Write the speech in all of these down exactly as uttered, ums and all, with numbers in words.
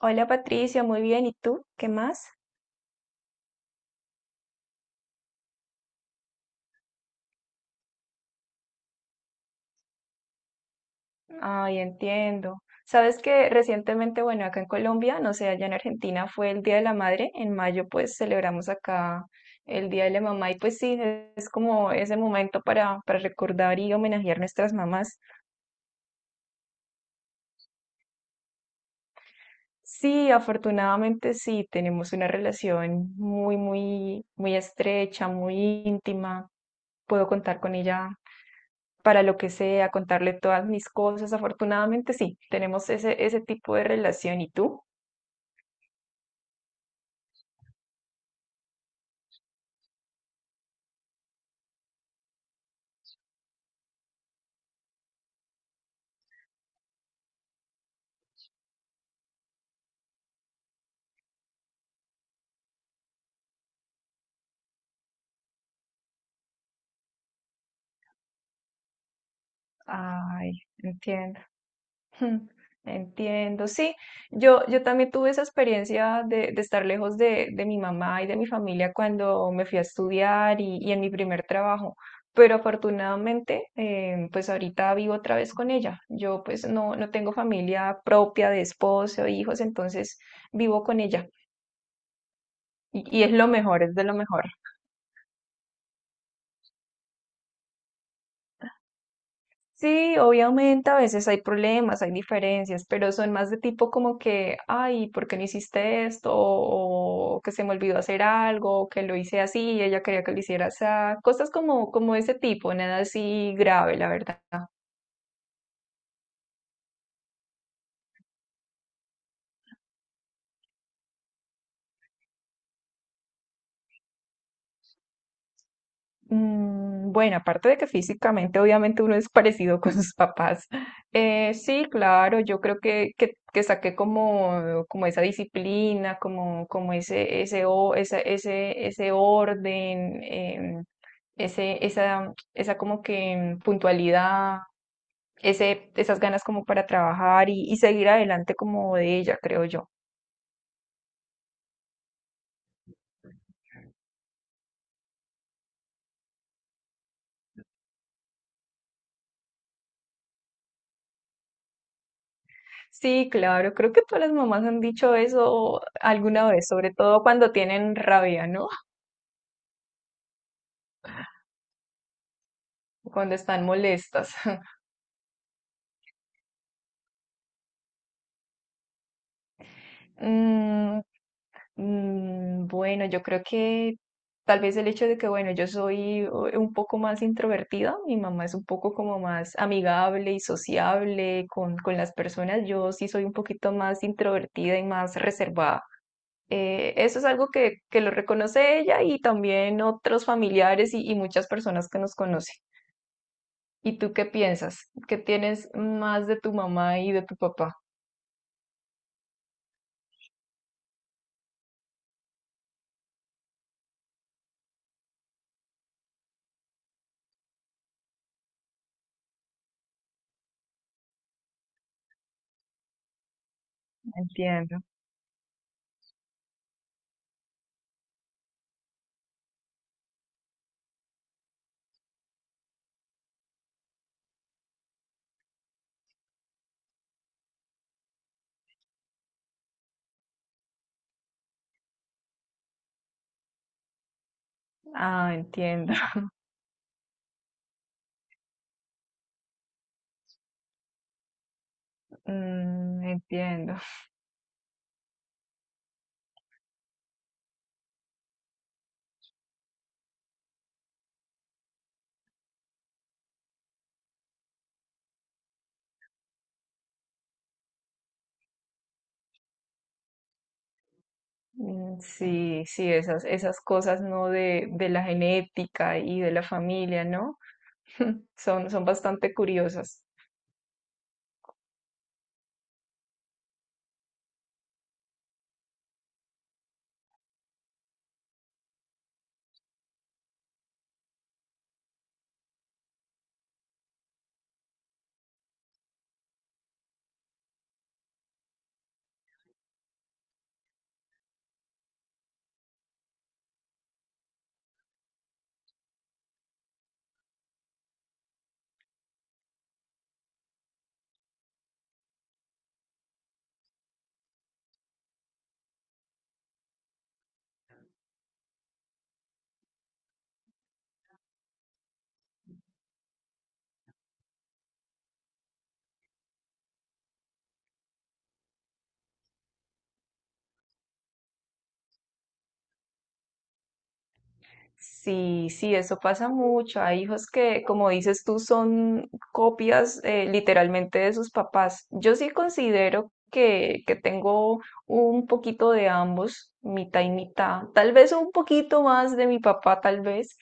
Hola Patricia, muy bien. ¿Y tú? ¿Qué más? Ay, entiendo. Sabes que recientemente, bueno, acá en Colombia, no sé, allá en Argentina fue el Día de la Madre. En mayo, pues celebramos acá el Día de la Mamá. Y pues sí, es como ese momento para, para recordar y homenajear nuestras mamás. Sí, afortunadamente sí, tenemos una relación muy, muy, muy estrecha, muy íntima. Puedo contar con ella para lo que sea, contarle todas mis cosas. Afortunadamente sí, tenemos ese, ese tipo de relación. ¿Y tú? Ay, entiendo. Hmm, entiendo, sí. Yo, yo también tuve esa experiencia de, de estar lejos de, de mi mamá y de mi familia cuando me fui a estudiar y, y en mi primer trabajo. Pero afortunadamente, eh, pues ahorita vivo otra vez con ella. Yo pues no, no tengo familia propia de esposo, hijos, entonces vivo con ella. Y, y es lo mejor, es de lo mejor. Sí, obviamente a veces hay problemas, hay diferencias, pero son más de tipo como que, ay, ¿por qué no hiciste esto? O que se me olvidó hacer algo, o que lo hice así, y ella quería que lo hiciera así. Cosas como, como ese tipo, nada así grave, la verdad. Mm, bueno, aparte de que físicamente obviamente uno es parecido con sus papás. Eh, sí, claro, yo creo que, que, que saqué como, como esa disciplina, como, como ese, ese, o- esa- ese, ese orden. Eh, ese, esa, esa como que puntualidad, ese, esas ganas como para trabajar y, y seguir adelante como de ella, creo yo. Sí, claro, creo que todas las mamás han dicho eso alguna vez, sobre todo cuando tienen rabia, ¿no? Cuando están molestas. Mm, Mm, Bueno, yo creo que tal vez el hecho de que, bueno, yo soy eh, un poco más introvertida, mi mamá es un poco como más amigable y sociable con, con las personas, yo sí soy un poquito más introvertida y más reservada. Eh, eso es algo que, que lo reconoce ella y también otros familiares y, y muchas personas que nos conocen. ¿Y tú qué piensas? ¿Qué tienes más de tu mamá y de tu papá? Entiendo. Ah, entiendo. Mm, entiendo. Mm, sí, sí, esas, esas cosas, ¿no? De, de la genética y de la familia, ¿no? Son, son bastante curiosas. Sí, sí, eso pasa mucho. Hay hijos que, como dices tú, son copias eh, literalmente de sus papás. Yo sí considero que, que tengo un poquito de ambos, mitad y mitad. Tal vez un poquito más de mi papá, tal vez,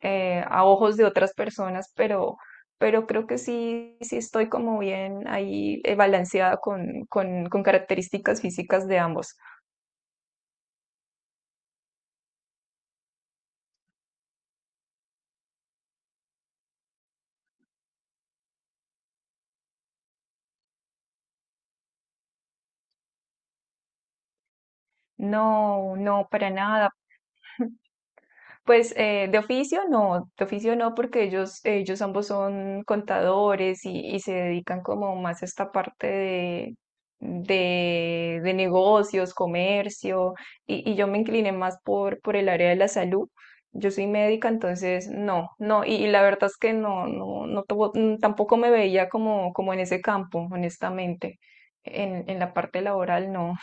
eh, a ojos de otras personas, pero, pero creo que sí, sí estoy como bien ahí eh, balanceada con, con, con características físicas de ambos. No, no, para nada. Pues eh, de oficio no, de oficio no, porque ellos, ellos ambos son contadores y, y se dedican como más a esta parte de, de, de negocios, comercio, y, y yo me incliné más por, por el área de la salud. Yo soy médica, entonces no, no, y, y La verdad es que no, no, no tuvo- mm, tampoco me veía como, como en ese campo, honestamente. En, en la parte laboral no.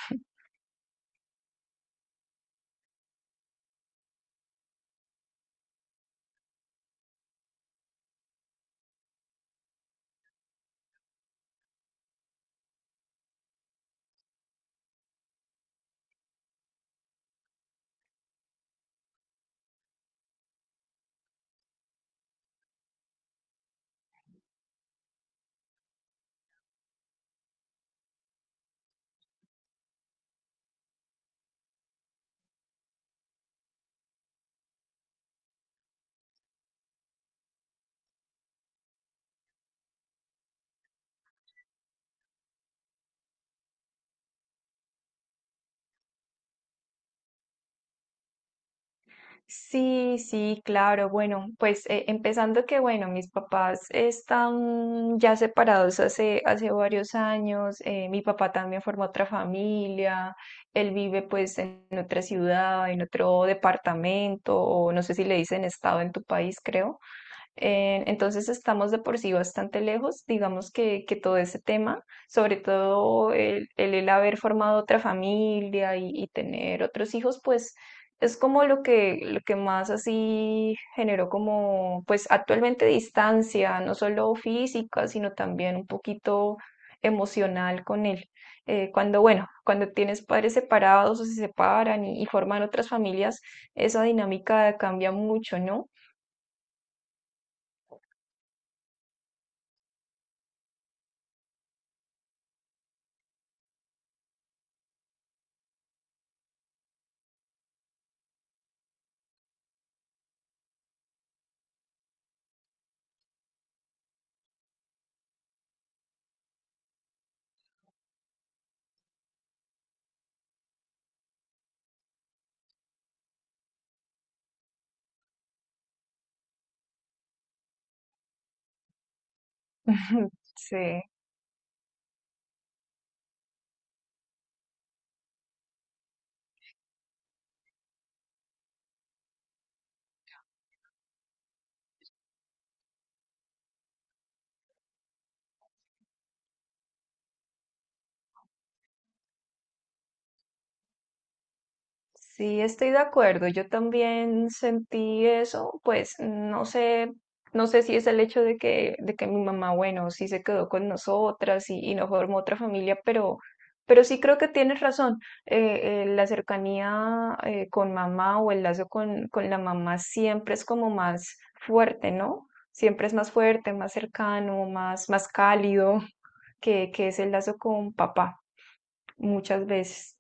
Sí, sí, claro. Bueno, pues eh, empezando que, bueno, mis papás están ya separados hace, hace varios años. Eh, mi papá también formó otra familia. Él vive pues en otra ciudad, en otro departamento, o no sé si le dicen estado en tu país, creo. Eh, entonces estamos de por sí bastante lejos, digamos que, que todo ese tema, sobre todo el, el, el haber formado otra familia y, y tener otros hijos, pues es como lo que, lo que más así generó como, pues actualmente distancia, no solo física, sino también un poquito emocional con él. Eh, cuando, bueno, cuando tienes padres separados o se separan y, y forman otras familias, esa dinámica cambia mucho, ¿no? Sí. Sí, estoy de acuerdo. Yo también sentí eso, pues no sé, no sé si es el hecho de que, de que mi mamá, bueno, sí se quedó con nosotras y, y no formó otra familia, pero, pero sí creo que tienes razón. Eh, eh, la cercanía eh, con mamá o el lazo con, con la mamá siempre es como más fuerte, ¿no? Siempre es más fuerte, más cercano, más, más cálido que, que es el lazo con papá, muchas veces.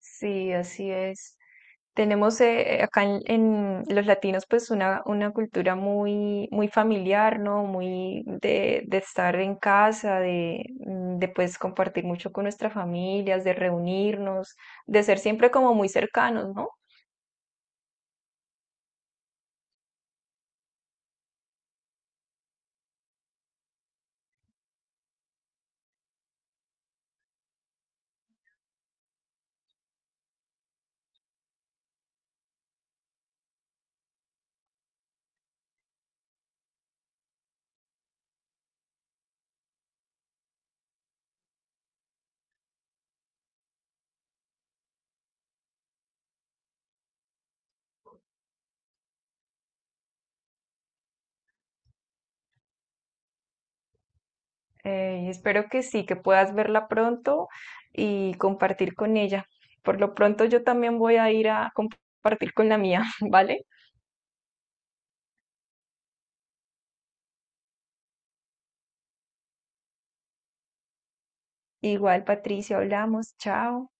Sí, así es. Tenemos eh, eh, acá en, en los latinos pues una, una cultura muy, muy familiar, ¿no? Muy de, de estar en casa, de, mm, de pues compartir mucho con nuestras familias, de reunirnos, de ser siempre como muy cercanos, ¿no? Eh, y espero que sí, que puedas verla pronto y compartir con ella. Por lo pronto yo también voy a ir a compartir con la mía, ¿vale? Igual, Patricia, hablamos, chao.